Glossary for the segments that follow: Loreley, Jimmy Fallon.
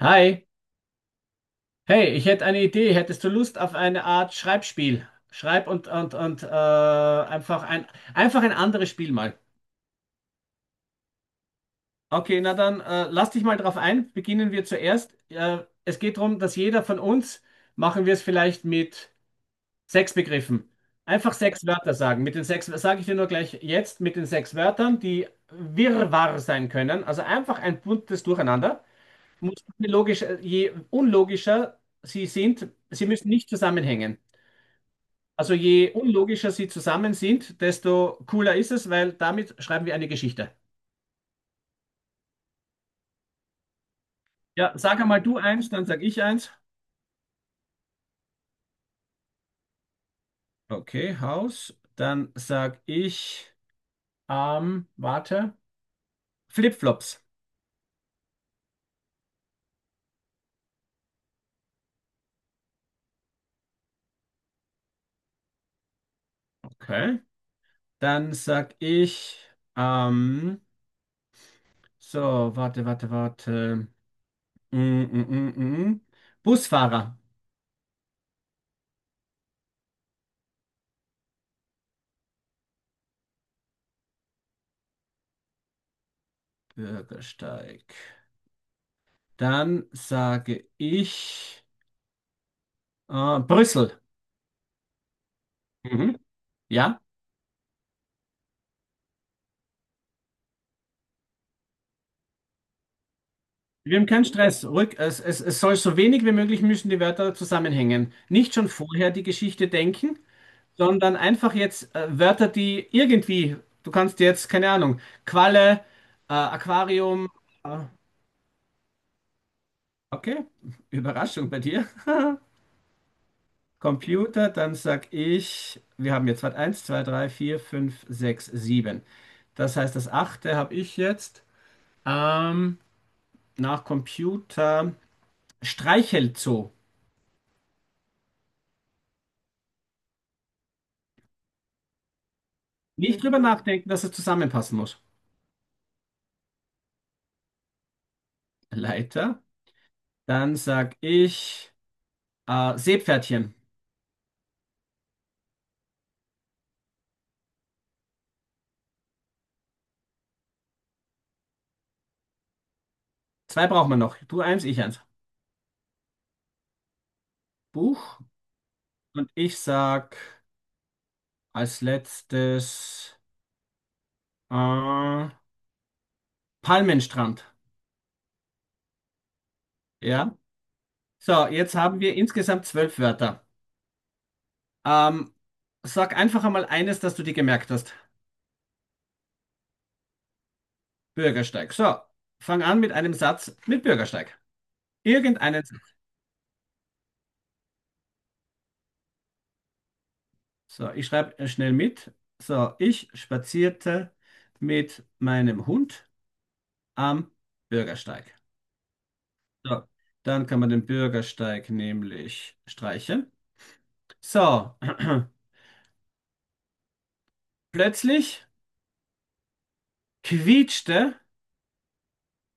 Hi, hey, ich hätte eine Idee. Hättest du Lust auf eine Art Schreibspiel? Schreib und einfach ein anderes Spiel mal. Okay, na dann lass dich mal drauf ein. Beginnen wir zuerst. Es geht darum, dass jeder von uns, machen wir es vielleicht mit sechs Begriffen. Einfach sechs Wörter sagen. Mit den sechs sage ich dir nur gleich jetzt, mit den sechs Wörtern, die Wirrwarr sein können. Also einfach ein buntes Durcheinander. Muss logisch, je unlogischer sie sind, sie müssen nicht zusammenhängen. Also je unlogischer sie zusammen sind, desto cooler ist es, weil damit schreiben wir eine Geschichte. Ja, sag einmal du eins, dann sag ich eins. Okay, Haus. Dann sag ich, warte, Flipflops. Okay. Dann sag ich, ähm, so, warte. Mm, mm, mm, mm. mm. Busfahrer. Bürgersteig. Dann sage ich, Brüssel. Mhm. Ja. Wir haben keinen Stress. Ruhig, es soll so wenig wie möglich, müssen die Wörter zusammenhängen. Nicht schon vorher die Geschichte denken, sondern einfach jetzt Wörter, die irgendwie, du kannst jetzt, keine Ahnung, Qualle, Aquarium, äh, okay, Überraschung bei dir. Computer, dann sag ich, wir haben jetzt, warte, eins, 2, 3, 4, 5, 6, 7. Das heißt, das achte habe ich jetzt. Ähm, nach Computer, Streichelzoo. Nicht drüber nachdenken, dass es zusammenpassen muss. Leiter. Dann sag ich Seepferdchen. Zwei brauchen wir noch. Du eins, ich eins. Buch. Und ich sag als letztes äh, Palmenstrand. Ja. So, jetzt haben wir insgesamt zwölf Wörter. Ähm, sag einfach einmal eines, das du dir gemerkt hast. Bürgersteig. So, fang an mit einem Satz mit Bürgersteig. Irgendeinen. So, ich schreibe schnell mit. So, ich spazierte mit meinem Hund am Bürgersteig. So, dann kann man den Bürgersteig nämlich streichen. So, plötzlich quietschte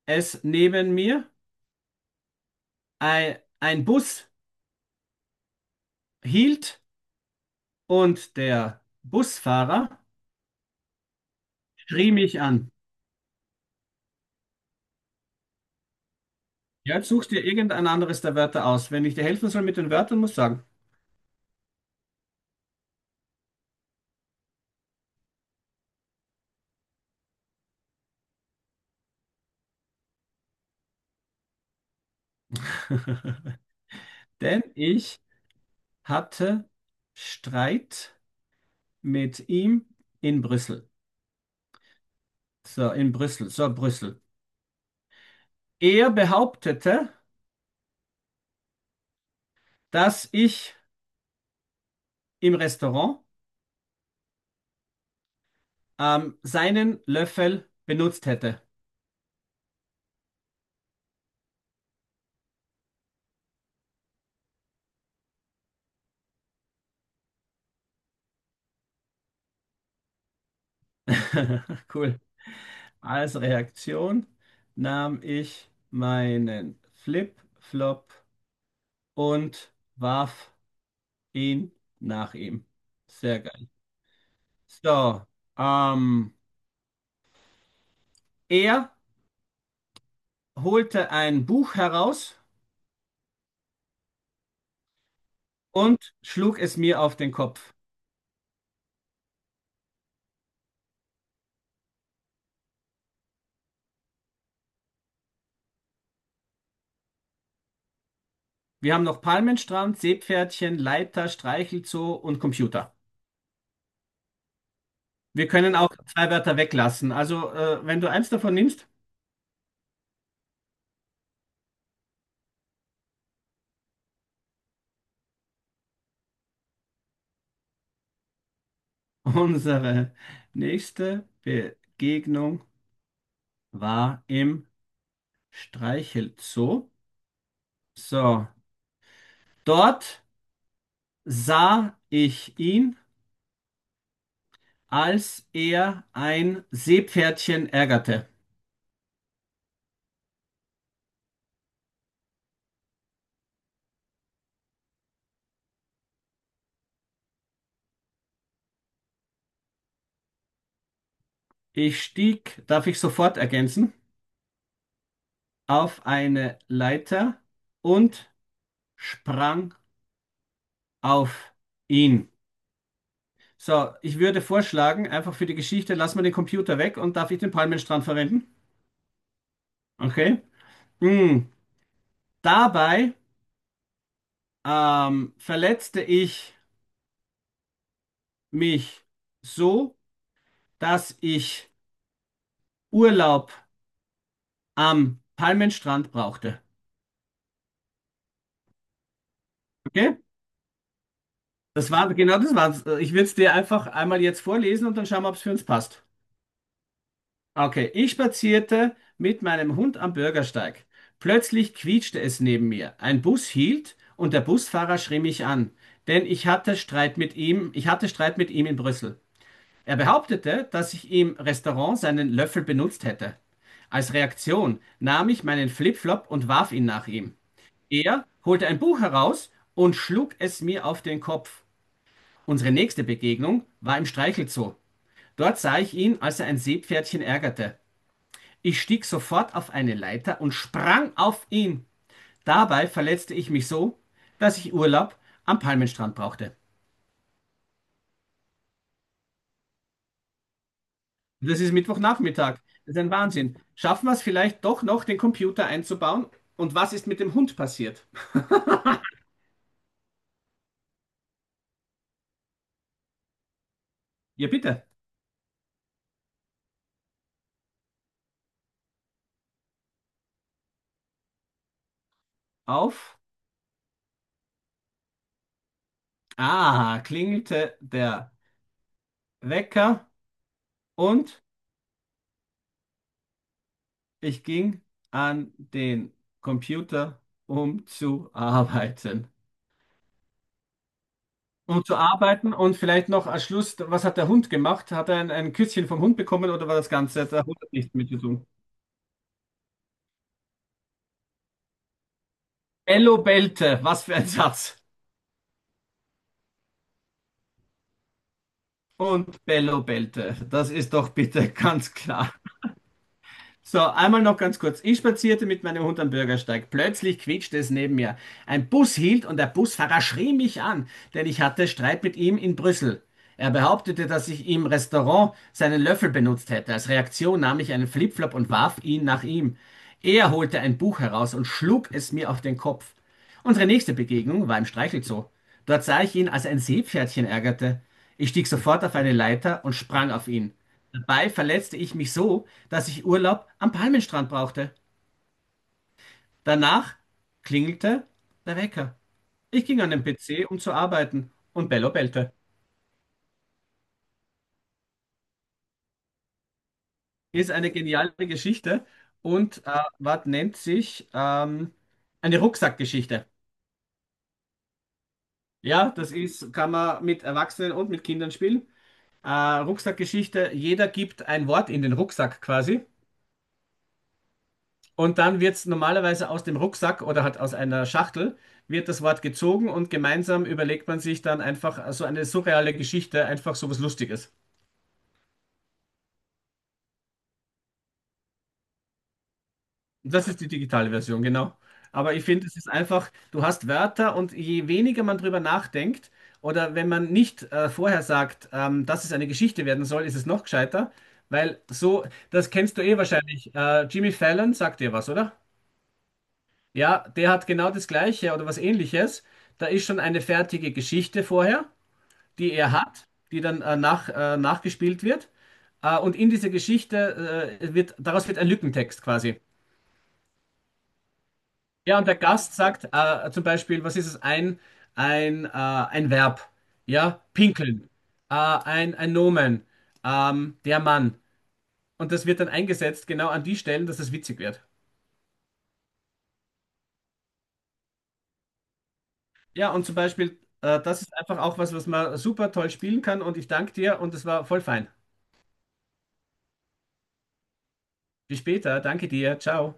es neben mir. Ein Bus hielt und der Busfahrer schrie mich an. Ja, jetzt such dir irgendein anderes der Wörter aus. Wenn ich dir helfen soll mit den Wörtern, muss ich sagen. Denn ich hatte Streit mit ihm in Brüssel. So, in Brüssel, so Brüssel. Er behauptete, dass ich im Restaurant seinen Löffel benutzt hätte. Cool. Als Reaktion nahm ich meinen Flip-Flop und warf ihn nach ihm. Sehr geil. So, ähm, er holte ein Buch heraus und schlug es mir auf den Kopf. Wir haben noch Palmenstrand, Seepferdchen, Leiter, Streichelzoo und Computer. Wir können auch zwei Wörter weglassen. Also, wenn du eins davon nimmst, unsere nächste Begegnung war im Streichelzoo. So, dort sah ich ihn, als er ein Seepferdchen ärgerte. Ich stieg, darf ich sofort ergänzen, auf eine Leiter und sprang auf ihn. So, ich würde vorschlagen, einfach für die Geschichte, lass mal den Computer weg, und darf ich den Palmenstrand verwenden? Okay. Mm. Dabei verletzte ich mich so, dass ich Urlaub am Palmenstrand brauchte. Okay? Das war genau, das war's. Ich würde es dir einfach einmal jetzt vorlesen und dann schauen wir, ob es für uns passt. Okay, ich spazierte mit meinem Hund am Bürgersteig. Plötzlich quietschte es neben mir. Ein Bus hielt und der Busfahrer schrie mich an, denn ich hatte Streit mit ihm in Brüssel. Er behauptete, dass ich im Restaurant seinen Löffel benutzt hätte. Als Reaktion nahm ich meinen Flipflop und warf ihn nach ihm. Er holte ein Buch heraus und schlug es mir auf den Kopf. Unsere nächste Begegnung war im Streichelzoo. Dort sah ich ihn, als er ein Seepferdchen ärgerte. Ich stieg sofort auf eine Leiter und sprang auf ihn. Dabei verletzte ich mich so, dass ich Urlaub am Palmenstrand brauchte. Das ist Mittwochnachmittag. Das ist ein Wahnsinn. Schaffen wir es vielleicht doch noch, den Computer einzubauen? Und was ist mit dem Hund passiert? Ja, bitte. Auf. Ah, klingelte der Wecker und ich ging an den Computer, um zu arbeiten. Um zu arbeiten und vielleicht noch als Schluss, was hat der Hund gemacht? Hat er ein, Küsschen vom Hund bekommen, oder war das Ganze? Der Hund hat nichts mit zu tun. Bello bellte, was für ein Satz. Und Bello bellte, das ist doch bitte ganz klar. So, einmal noch ganz kurz. Ich spazierte mit meinem Hund am Bürgersteig. Plötzlich quietschte es neben mir. Ein Bus hielt und der Busfahrer schrie mich an, denn ich hatte Streit mit ihm in Brüssel. Er behauptete, dass ich im Restaurant seinen Löffel benutzt hätte. Als Reaktion nahm ich einen Flipflop und warf ihn nach ihm. Er holte ein Buch heraus und schlug es mir auf den Kopf. Unsere nächste Begegnung war im Streichelzoo. Dort sah ich ihn, als ein Seepferdchen ärgerte. Ich stieg sofort auf eine Leiter und sprang auf ihn. Dabei verletzte ich mich so, dass ich Urlaub am Palmenstrand brauchte. Danach klingelte der Wecker. Ich ging an den PC, um zu arbeiten, und Bello bellte. Ist eine geniale Geschichte und was nennt sich eine Rucksackgeschichte. Ja, das ist, kann man mit Erwachsenen und mit Kindern spielen. Rucksackgeschichte, jeder gibt ein Wort in den Rucksack quasi. Und dann wird es normalerweise aus dem Rucksack oder halt aus einer Schachtel, wird das Wort gezogen und gemeinsam überlegt man sich dann einfach so eine surreale Geschichte, einfach so was Lustiges. Und das ist die digitale Version, genau. Aber ich finde, es ist einfach, du hast Wörter und je weniger man drüber nachdenkt oder wenn man nicht vorher sagt, dass es eine Geschichte werden soll, ist es noch gescheiter, weil so, das kennst du eh wahrscheinlich. Jimmy Fallon sagt dir was, oder? Ja, der hat genau das Gleiche oder was Ähnliches. Da ist schon eine fertige Geschichte vorher, die er hat, die dann nachgespielt wird. Und in dieser Geschichte wird, daraus wird ein Lückentext quasi. Ja, und der Gast sagt zum Beispiel, was ist es? Ein Verb. Ja, pinkeln. Ein Nomen. Der Mann. Und das wird dann eingesetzt genau an die Stellen, dass es witzig wird. Ja, und zum Beispiel, das ist einfach auch was, was man super toll spielen kann. Und ich danke dir und es war voll fein. Bis später. Danke dir. Ciao.